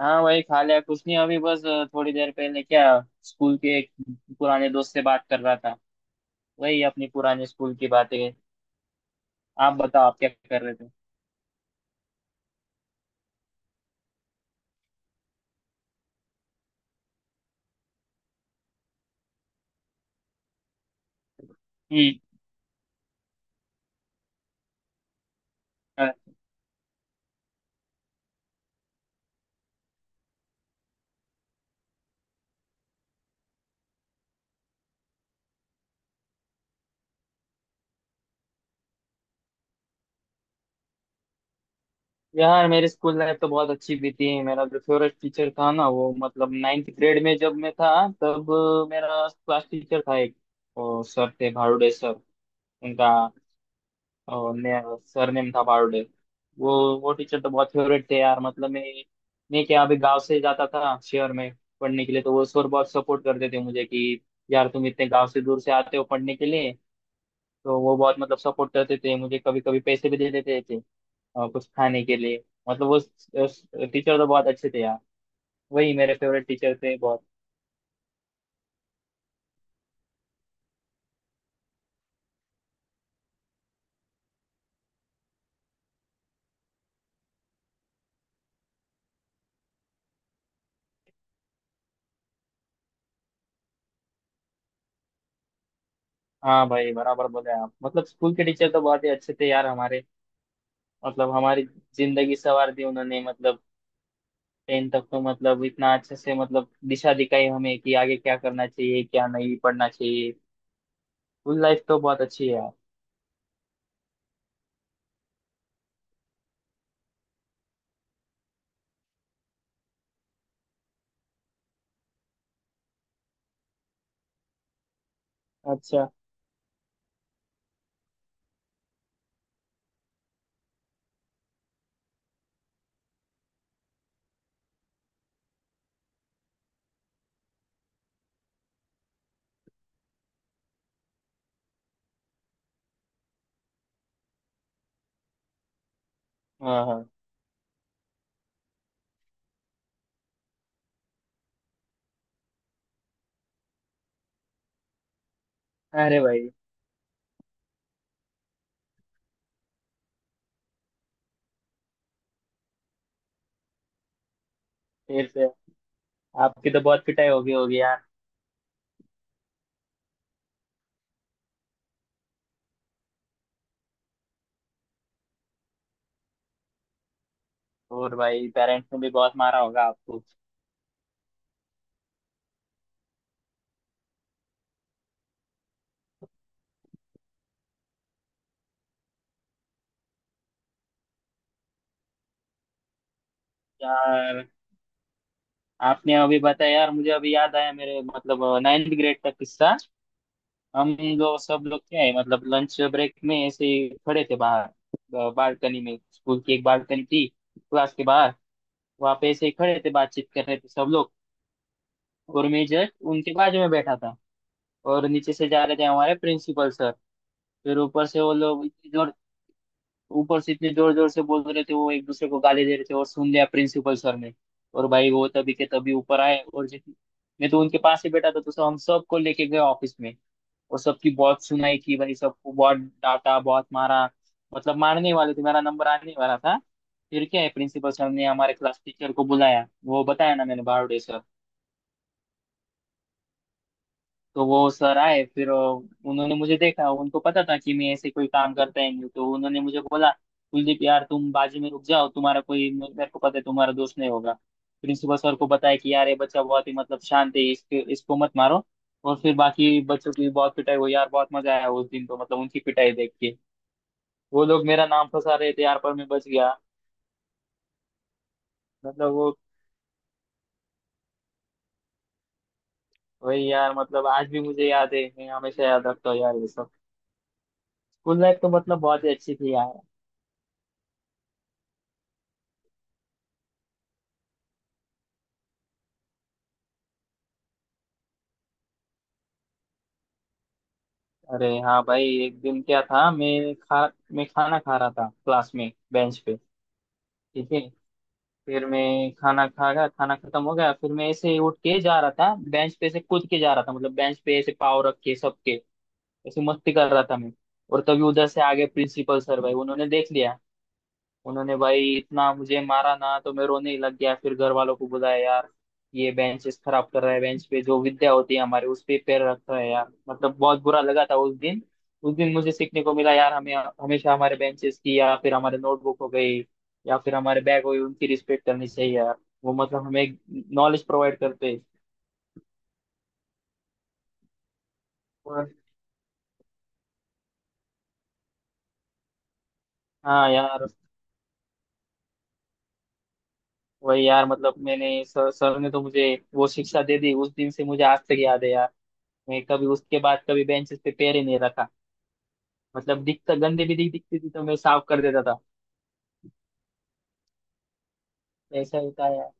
हाँ वही खा लिया कुछ नहीं अभी बस थोड़ी देर पहले क्या स्कूल के एक पुराने दोस्त से बात कर रहा था। वही अपनी पुराने स्कूल की बातें। आप बताओ आप क्या कर रहे थे? हम्म। अ, यार मेरी स्कूल लाइफ तो बहुत अच्छी बीती। मेरा जो फेवरेट टीचर था ना, वो मतलब नाइन्थ ग्रेड में जब मैं था तब, मेरा क्लास टीचर था एक, और सर थे भारूडे सर, उनका। और मैं, सर नेम था बारोडे। वो वो टीचर तो बहुत फेवरेट थे यार। मतलब मैं क्या, अभी गांव से जाता था शहर में पढ़ने के लिए, तो वो सर बहुत सपोर्ट करते थे मुझे कि यार तुम इतने गांव से दूर से आते हो पढ़ने के लिए। तो वो बहुत मतलब सपोर्ट करते थे मुझे, कभी कभी पैसे भी दे देते थे कुछ खाने के लिए। मतलब वो टीचर तो बहुत अच्छे थे यार। वही मेरे फेवरेट टीचर थे बहुत। हाँ भाई, बराबर बोले आप। मतलब स्कूल के टीचर तो बहुत ही अच्छे थे यार हमारे। मतलब हमारी जिंदगी संवार दी उन्होंने। मतलब 10 तक तो मतलब इतना अच्छे से मतलब दिशा दिखाई हमें कि आगे क्या करना चाहिए, क्या नहीं पढ़ना चाहिए। स्कूल लाइफ तो बहुत अच्छी है यार। अच्छा। हाँ हाँ। अरे भाई, फिर से आपकी तो बहुत पिटाई होगी होगी यार। और भाई, पेरेंट्स ने भी बहुत मारा होगा आपको। यार आपने अभी बताया, यार मुझे अभी याद आया मेरे मतलब नाइन्थ ग्रेड का किस्सा। हम लोग, सब लोग क्या है, मतलब लंच ब्रेक में ऐसे ही खड़े थे बाहर बालकनी में। स्कूल की एक बालकनी थी क्लास के बाहर। वहां पे ऐसे ही खड़े थे, बातचीत कर रहे थे सब लोग। और मैं जस्ट उनके बाजू में बैठा था। और नीचे से जा रहे थे हमारे प्रिंसिपल सर। फिर ऊपर से वो लोग इतनी जोर ऊपर से इतने जोर जोर से बोल रहे थे वो, एक दूसरे को गाली दे रहे थे, और सुन लिया प्रिंसिपल सर ने। और भाई वो तभी के तभी ऊपर आए और जित, मैं तो उनके पास ही बैठा था, तो सब हम सबको लेके गए ऑफिस में। और सबकी बहुत सुनाई की भाई, सबको बहुत डांटा, बहुत मारा। मतलब मारने वाले थे, मेरा नंबर आने वाला था। फिर क्या है, प्रिंसिपल सर ने हमारे क्लास टीचर को बुलाया। वो बताया ना मैंने, बारोडे सर। तो वो सर आए फिर, उन्होंने मुझे देखा। उनको पता था कि मैं ऐसे कोई काम करता ही नहीं, तो उन्होंने मुझे बोला, कुलदीप यार तुम बाजू में रुक जाओ, तुम्हारा कोई, मेरे को पता है तुम्हारा दोस्त नहीं होगा। प्रिंसिपल सर को बताया कि यार ये बच्चा बहुत ही मतलब शांत है, इसके इसको मत मारो। और फिर बाकी बच्चों की बहुत पिटाई हुई यार। बहुत मजा आया उस दिन तो, मतलब उनकी पिटाई देख के। वो लोग मेरा नाम फंसा रहे थे यार, पर मैं बच गया। मतलब वो, वही यार। मतलब आज भी मुझे याद है, मैं हमेशा याद रखता हूँ यार ये सब। स्कूल लाइफ तो मतलब बहुत ही अच्छी थी यार। अरे हाँ भाई, एक दिन क्या था, मैं खाना खा रहा था क्लास में बेंच पे। ठीक है। फिर मैं खाना खा गया, खाना खत्म हो गया, फिर मैं ऐसे ही उठ के जा रहा था, बेंच पे से कूद के जा रहा था। मतलब बेंच पे ऐसे पाँव रख के, सबके ऐसे मस्ती कर रहा था मैं। और तभी उधर से आगे प्रिंसिपल सर भाई, उन्होंने देख लिया। उन्होंने भाई इतना मुझे मारा ना तो मैं रोने ही लग गया। फिर घर वालों को बुलाया, यार ये बेंचेस खराब कर रहा है, बेंच पे जो विद्या होती है हमारे, उस पे पैर रख रहा है यार। मतलब बहुत बुरा लगा था उस दिन। उस दिन मुझे सीखने को मिला यार, हमें हमेशा हमारे बेंचेस की, या फिर हमारे नोटबुक हो गई, या फिर हमारे बैग हो गई, उनकी रिस्पेक्ट करनी चाहिए यार। वो मतलब हमें नॉलेज प्रोवाइड करते हैं। और हाँ यार, वही यार। मतलब मैंने सर ने तो मुझे वो शिक्षा दे दी, उस दिन से मुझे आज तक याद है यार। मैं कभी उसके बाद कभी बेंचेस पे पैर ही नहीं रखा। मतलब दिखता गंदगी दिखती थी तो मैं साफ कर देता था। ऐसा होता है यार।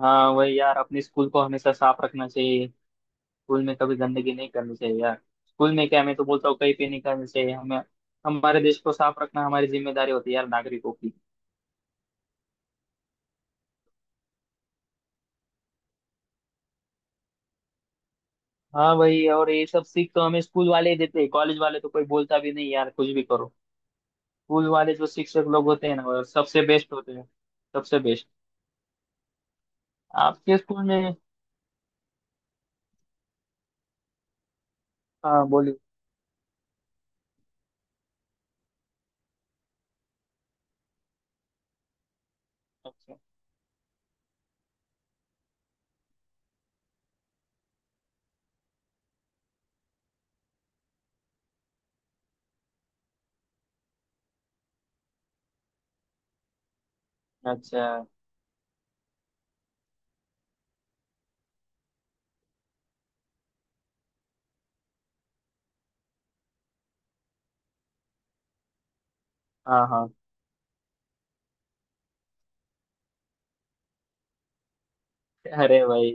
हाँ वही यार, अपने स्कूल को हमेशा साफ रखना चाहिए। स्कूल में कभी गंदगी नहीं करनी चाहिए यार। स्कूल में क्या, मैं तो बोलता हूँ कहीं पे नहीं करनी चाहिए हमें। हमारे देश को साफ रखना हमारी जिम्मेदारी होती है यार नागरिकों की। हाँ वही। और ये सब सीख तो हमें स्कूल वाले ही देते हैं। कॉलेज वाले तो कोई बोलता भी नहीं यार, कुछ भी करो। स्कूल वाले जो शिक्षक लोग होते हैं ना, वो सबसे बेस्ट होते हैं। सबसे बेस्ट। आपके स्कूल में? हाँ बोलिए। अच्छा। अच्छा। हाँ हाँ। अरे भाई,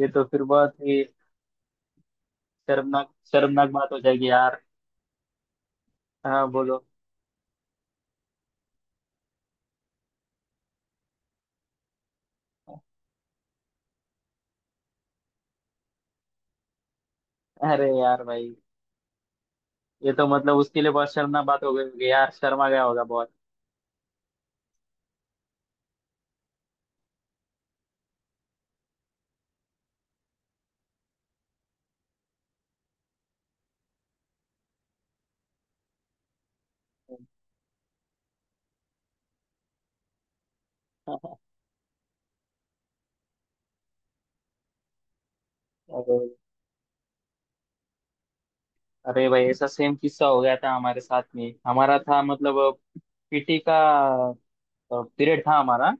ये तो फिर बहुत ही, शर्मनाक शर्मनाक बात हो जाएगी यार। हाँ बोलो। अरे यार भाई, ये तो मतलब उसके लिए बहुत शर्मनाक बात हो गई होगी यार, शर्मा गया होगा बहुत। अरे। अरे भाई, ऐसा सेम किस्सा हो गया था हमारे साथ में। हमारा था मतलब पीटी का पीरियड था हमारा।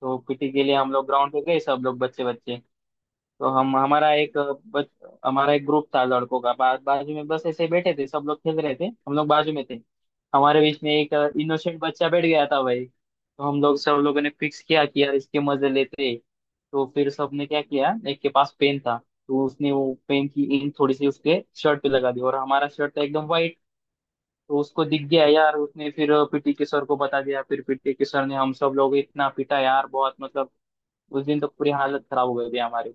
तो पीटी के लिए हम लोग ग्राउंड पे गए, सब लोग, बच्चे बच्चे। तो हम हमारा एक बच, हमारा एक ग्रुप था लड़कों का, बाजू में बस ऐसे ही बैठे थे। सब लोग खेल रहे थे, हम लोग बाजू में थे। हमारे बीच में एक इनोसेंट बच्चा बैठ गया था भाई, तो हम लोग, सब लोगों ने फिक्स किया कि यार इसके मजे लेते। तो फिर सबने क्या किया, एक के पास पेन था, तो उसने वो पेन की इंक थोड़ी सी उसके शर्ट पे लगा दी। और हमारा शर्ट था एकदम वाइट, तो उसको दिख गया यार। उसने फिर पीटी के सर को बता दिया। फिर पीटी के सर ने हम सब लोग इतना पीटा यार, बहुत मतलब, उस दिन तो पूरी हालत खराब हो गई थी हमारी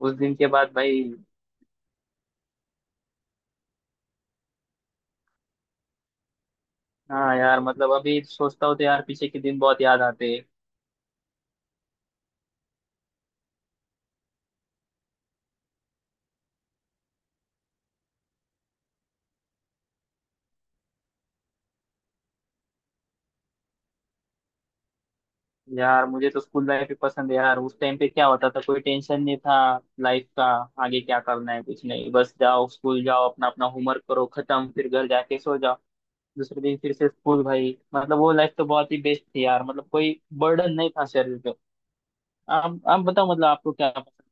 उस दिन के बाद भाई। हाँ यार, मतलब अभी सोचता हूँ तो यार पीछे के दिन बहुत याद आते हैं। यार मुझे तो स्कूल लाइफ ही पसंद है यार। उस टाइम पे क्या होता था, कोई टेंशन नहीं था लाइफ का, आगे क्या करना है, कुछ नहीं, बस जाओ स्कूल, जाओ अपना अपना होमवर्क करो, खत्म, फिर घर जाके सो जाओ, दूसरे दिन फिर से स्कूल भाई। मतलब वो लाइफ तो बहुत ही बेस्ट थी यार, मतलब कोई बर्डन नहीं था शरीर पे। आप बताओ मतलब आपको क्या पसंद?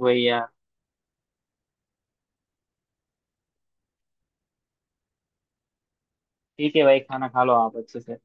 वही यार। ठीक है भाई, खाना खा लो आप अच्छे से।